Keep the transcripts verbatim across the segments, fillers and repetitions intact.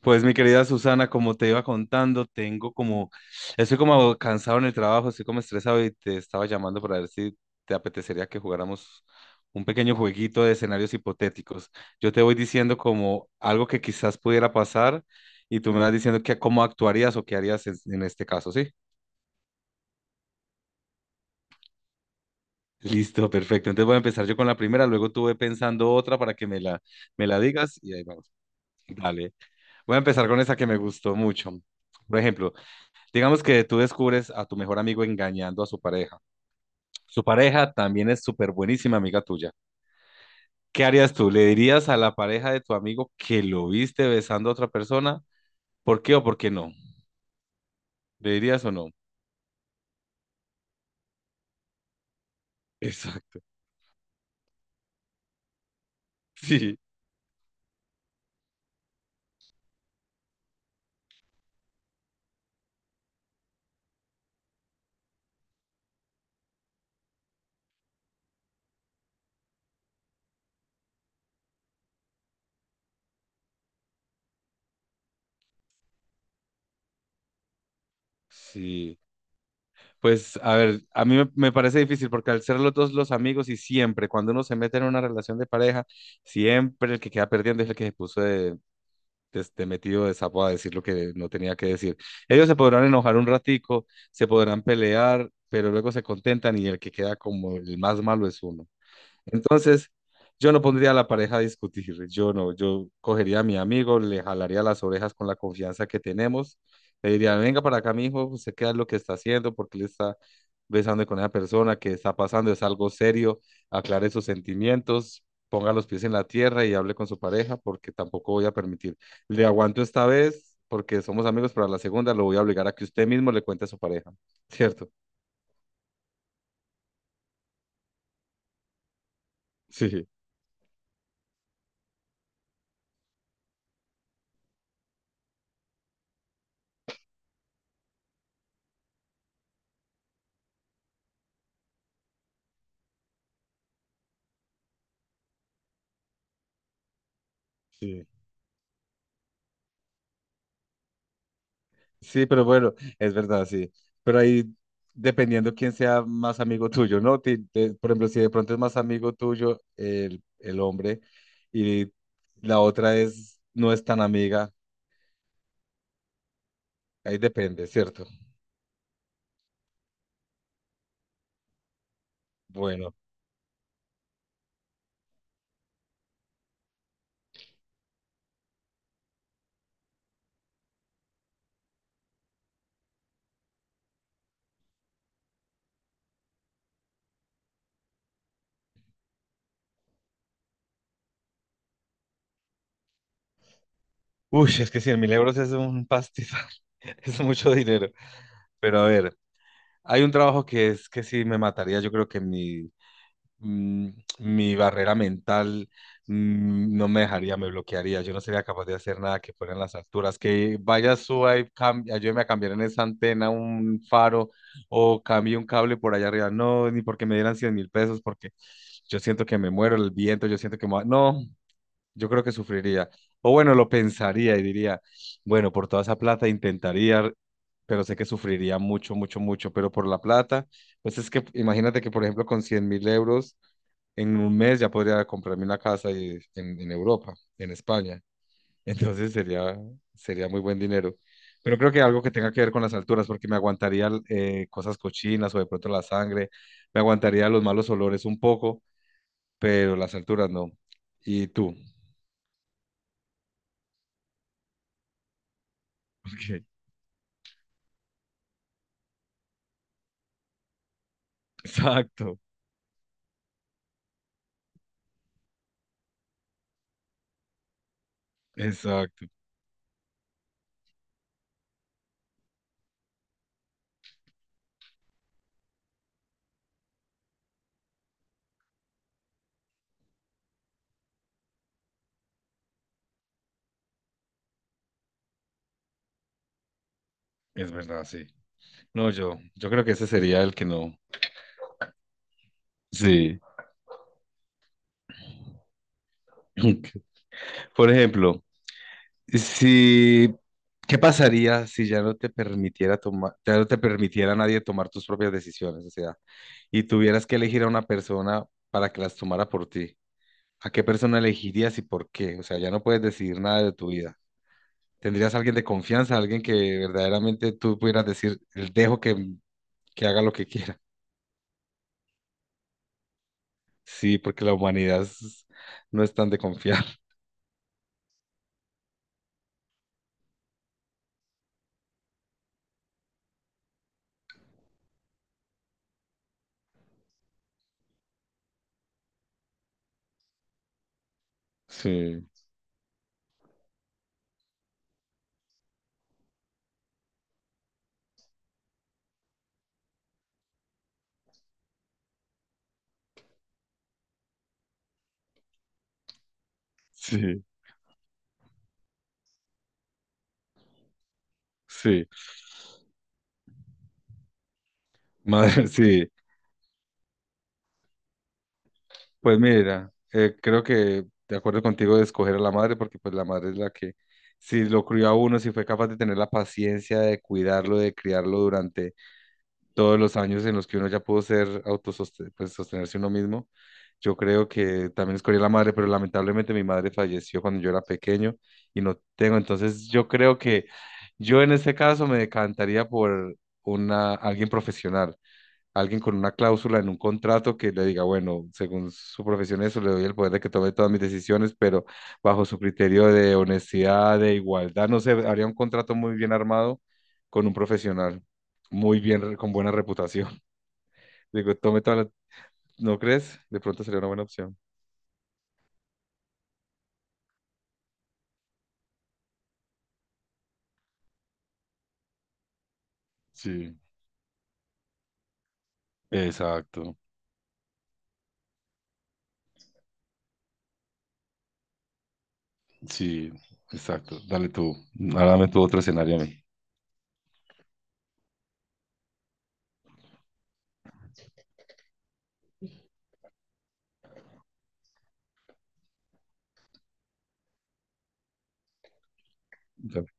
Pues mi querida Susana, como te iba contando, tengo como, estoy como cansado en el trabajo, estoy como estresado y te estaba llamando para ver si te apetecería que jugáramos un pequeño jueguito de escenarios hipotéticos. Yo te voy diciendo como algo que quizás pudiera pasar y tú me vas diciendo que cómo actuarías o qué harías en, en este caso, ¿sí? Listo, perfecto. Entonces voy a empezar yo con la primera, luego tú ve pensando otra para que me la, me la digas y ahí vamos. Dale. Voy a empezar con esa que me gustó mucho. Por ejemplo, digamos que tú descubres a tu mejor amigo engañando a su pareja. Su pareja también es súper buenísima amiga tuya. ¿Qué harías tú? ¿Le dirías a la pareja de tu amigo que lo viste besando a otra persona? ¿Por qué o por qué no? ¿Le dirías o no? Exacto. Sí, sí. Pues a ver, a mí me, me parece difícil porque al ser los dos los amigos y siempre, cuando uno se mete en una relación de pareja, siempre el que queda perdiendo es el que se puso de este, metido de sapo a decir lo que no tenía que decir. Ellos se podrán enojar un ratico, se podrán pelear, pero luego se contentan y el que queda como el más malo es uno. Entonces, yo no pondría a la pareja a discutir, yo no, yo cogería a mi amigo, le jalaría las orejas con la confianza que tenemos, le diría, venga para acá, mi hijo, usted qué es lo que está haciendo, porque le está besando con esa persona, qué está pasando, es algo serio, aclare sus sentimientos, ponga los pies en la tierra y hable con su pareja, porque tampoco voy a permitir, le aguanto esta vez, porque somos amigos, pero a la segunda lo voy a obligar a que usted mismo le cuente a su pareja, ¿cierto? Sí, sí. Sí, pero bueno, es verdad, sí. Pero ahí, dependiendo quién sea más amigo tuyo, ¿no? Ti- te- por ejemplo, si de pronto es más amigo tuyo el, el hombre y la otra es, no es tan amiga, ahí depende, ¿cierto? Bueno, uy, es que cien mil euros es un pastizal, es mucho dinero. Pero a ver, hay un trabajo que es que sí me mataría, yo creo que en mi mm, mi barrera mental mm, no me dejaría, me bloquearía. Yo no sería capaz de hacer nada que fuera en las alturas. Que vaya, suba y cam- ayúdeme a cambiar en esa antena un faro o cambie un cable por allá arriba. No, ni porque me dieran cien mil pesos, porque yo siento que me muero el viento, yo siento que me va- No, yo creo que sufriría. O bueno, lo pensaría y diría, bueno, por toda esa plata intentaría, pero sé que sufriría mucho, mucho, mucho, pero por la plata, pues es que imagínate que, por ejemplo, con cien mil euros en un mes ya podría comprarme una casa y- en, en Europa, en España. Entonces sería, sería muy buen dinero. Pero creo que algo que tenga que ver con las alturas, porque me aguantaría eh, cosas cochinas o de pronto la sangre, me aguantaría los malos olores un poco, pero las alturas no. ¿Y tú? Ok. Exacto, exacto. Es verdad, sí. No, yo, yo creo que ese sería el que no. Sí. Por ejemplo, Si, ¿qué pasaría si ya no te permitiera tomar, ya no te permitiera a nadie tomar tus propias decisiones? O sea, y tuvieras que elegir a una persona para que las tomara por ti. ¿A qué persona elegirías y por qué? O sea, ya no puedes decidir nada de tu vida. ¿Tendrías a alguien de confianza, alguien que verdaderamente tú pudieras decir, "El dejo que, que, haga lo que quiera? Sí, porque la humanidad es- no es tan de confiar. Sí, sí, sí. Madre, sí. Pues mira, eh, creo que de acuerdo contigo de escoger a la madre, porque pues la madre es la que, si lo crió a uno, si fue capaz de tener la paciencia de cuidarlo, de criarlo durante todos los años en los que uno ya pudo ser autosostenerse pues, sostenerse uno mismo, yo creo que también escogí a la madre, pero lamentablemente mi madre falleció cuando yo era pequeño y no tengo, entonces yo creo que yo en este caso me decantaría por una, alguien profesional, alguien con una cláusula en un contrato que le diga, bueno, según su profesión eso, le doy el poder de que tome todas mis decisiones, pero bajo su criterio de honestidad, de igualdad, no sé, haría un contrato muy bien armado con un profesional, muy bien, con buena reputación. Digo, tome todas las, ¿no crees? De pronto sería una buena opción. Sí, exacto. Sí, exacto. Dale tú. Ahora dame tu otro escenario a mí. Dale.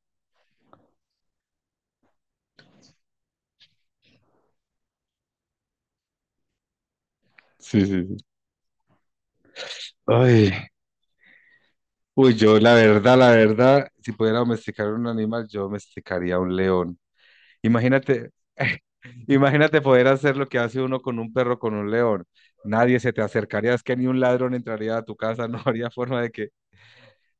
Sí, sí, sí. Ay. Uy, yo la verdad, la verdad, si pudiera domesticar un animal, yo domesticaría un león. Imagínate, imagínate poder hacer lo que hace uno con un perro, con un león. Nadie se te acercaría, es que ni un ladrón entraría a tu casa, no habría forma de que,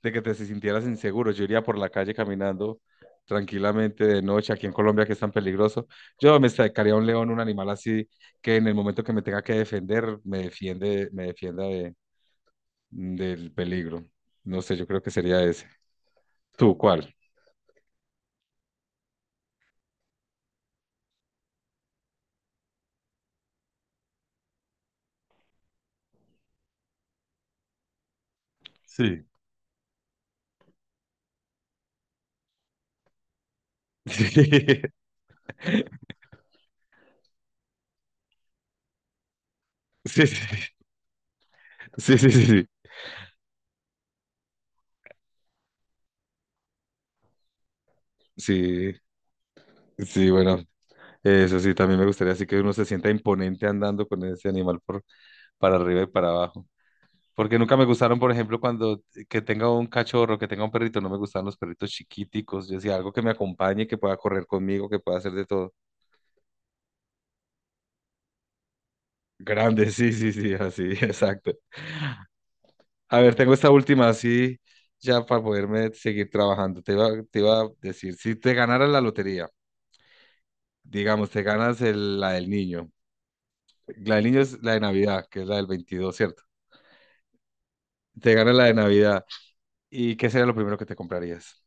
de que te sintieras inseguro. Yo iría por la calle caminando tranquilamente de noche, aquí en Colombia que es tan peligroso. Yo domesticaría un león, un animal así que en el momento que me tenga que defender, me defiende, me defienda de, del peligro. No sé, yo creo que sería ese. ¿Tú cuál? Sí. Sí, sí, sí, sí, sí, sí, sí, sí, bueno, eso sí, también me gustaría así que uno se sienta imponente andando con ese animal por, para arriba y para abajo. Porque nunca me gustaron, por ejemplo, cuando que tenga un cachorro, que tenga un perrito, no me gustaban los perritos chiquiticos. Yo decía algo que me acompañe, que pueda correr conmigo, que pueda hacer de todo. Grande, sí, sí, sí, así, exacto. A ver, tengo esta última así, ya para poderme seguir trabajando. Te iba, te iba a decir, si te ganara la lotería. Digamos, te ganas el- la del niño. La del niño es la de Navidad, que es la del veintidós, ¿cierto? Te ganas la de Navidad. ¿Y qué sería lo primero que te comprarías?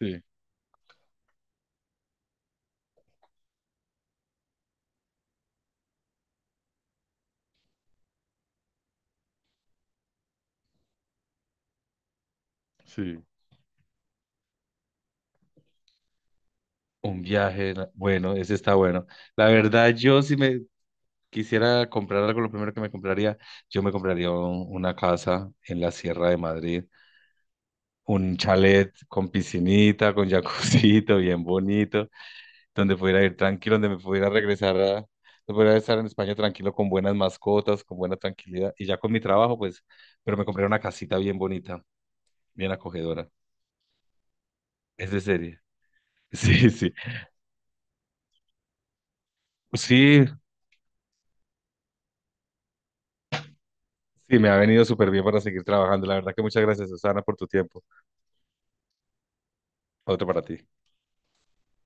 Sí, sí. Un viaje, la- bueno, ese está bueno. La verdad, yo si me quisiera comprar algo, lo primero que me compraría, yo me compraría un- una casa en la Sierra de Madrid, un chalet con piscinita, con jacuzito bien bonito, donde pudiera ir tranquilo, donde me pudiera regresar a, donde pudiera estar en España tranquilo con buenas mascotas, con buena tranquilidad y ya con mi trabajo, pues, pero me compré una casita bien bonita, bien acogedora. Es de serie. Sí, sí. Sí, sí, me ha venido súper bien para seguir trabajando. La verdad que muchas gracias, Susana, por tu tiempo. Otro para ti.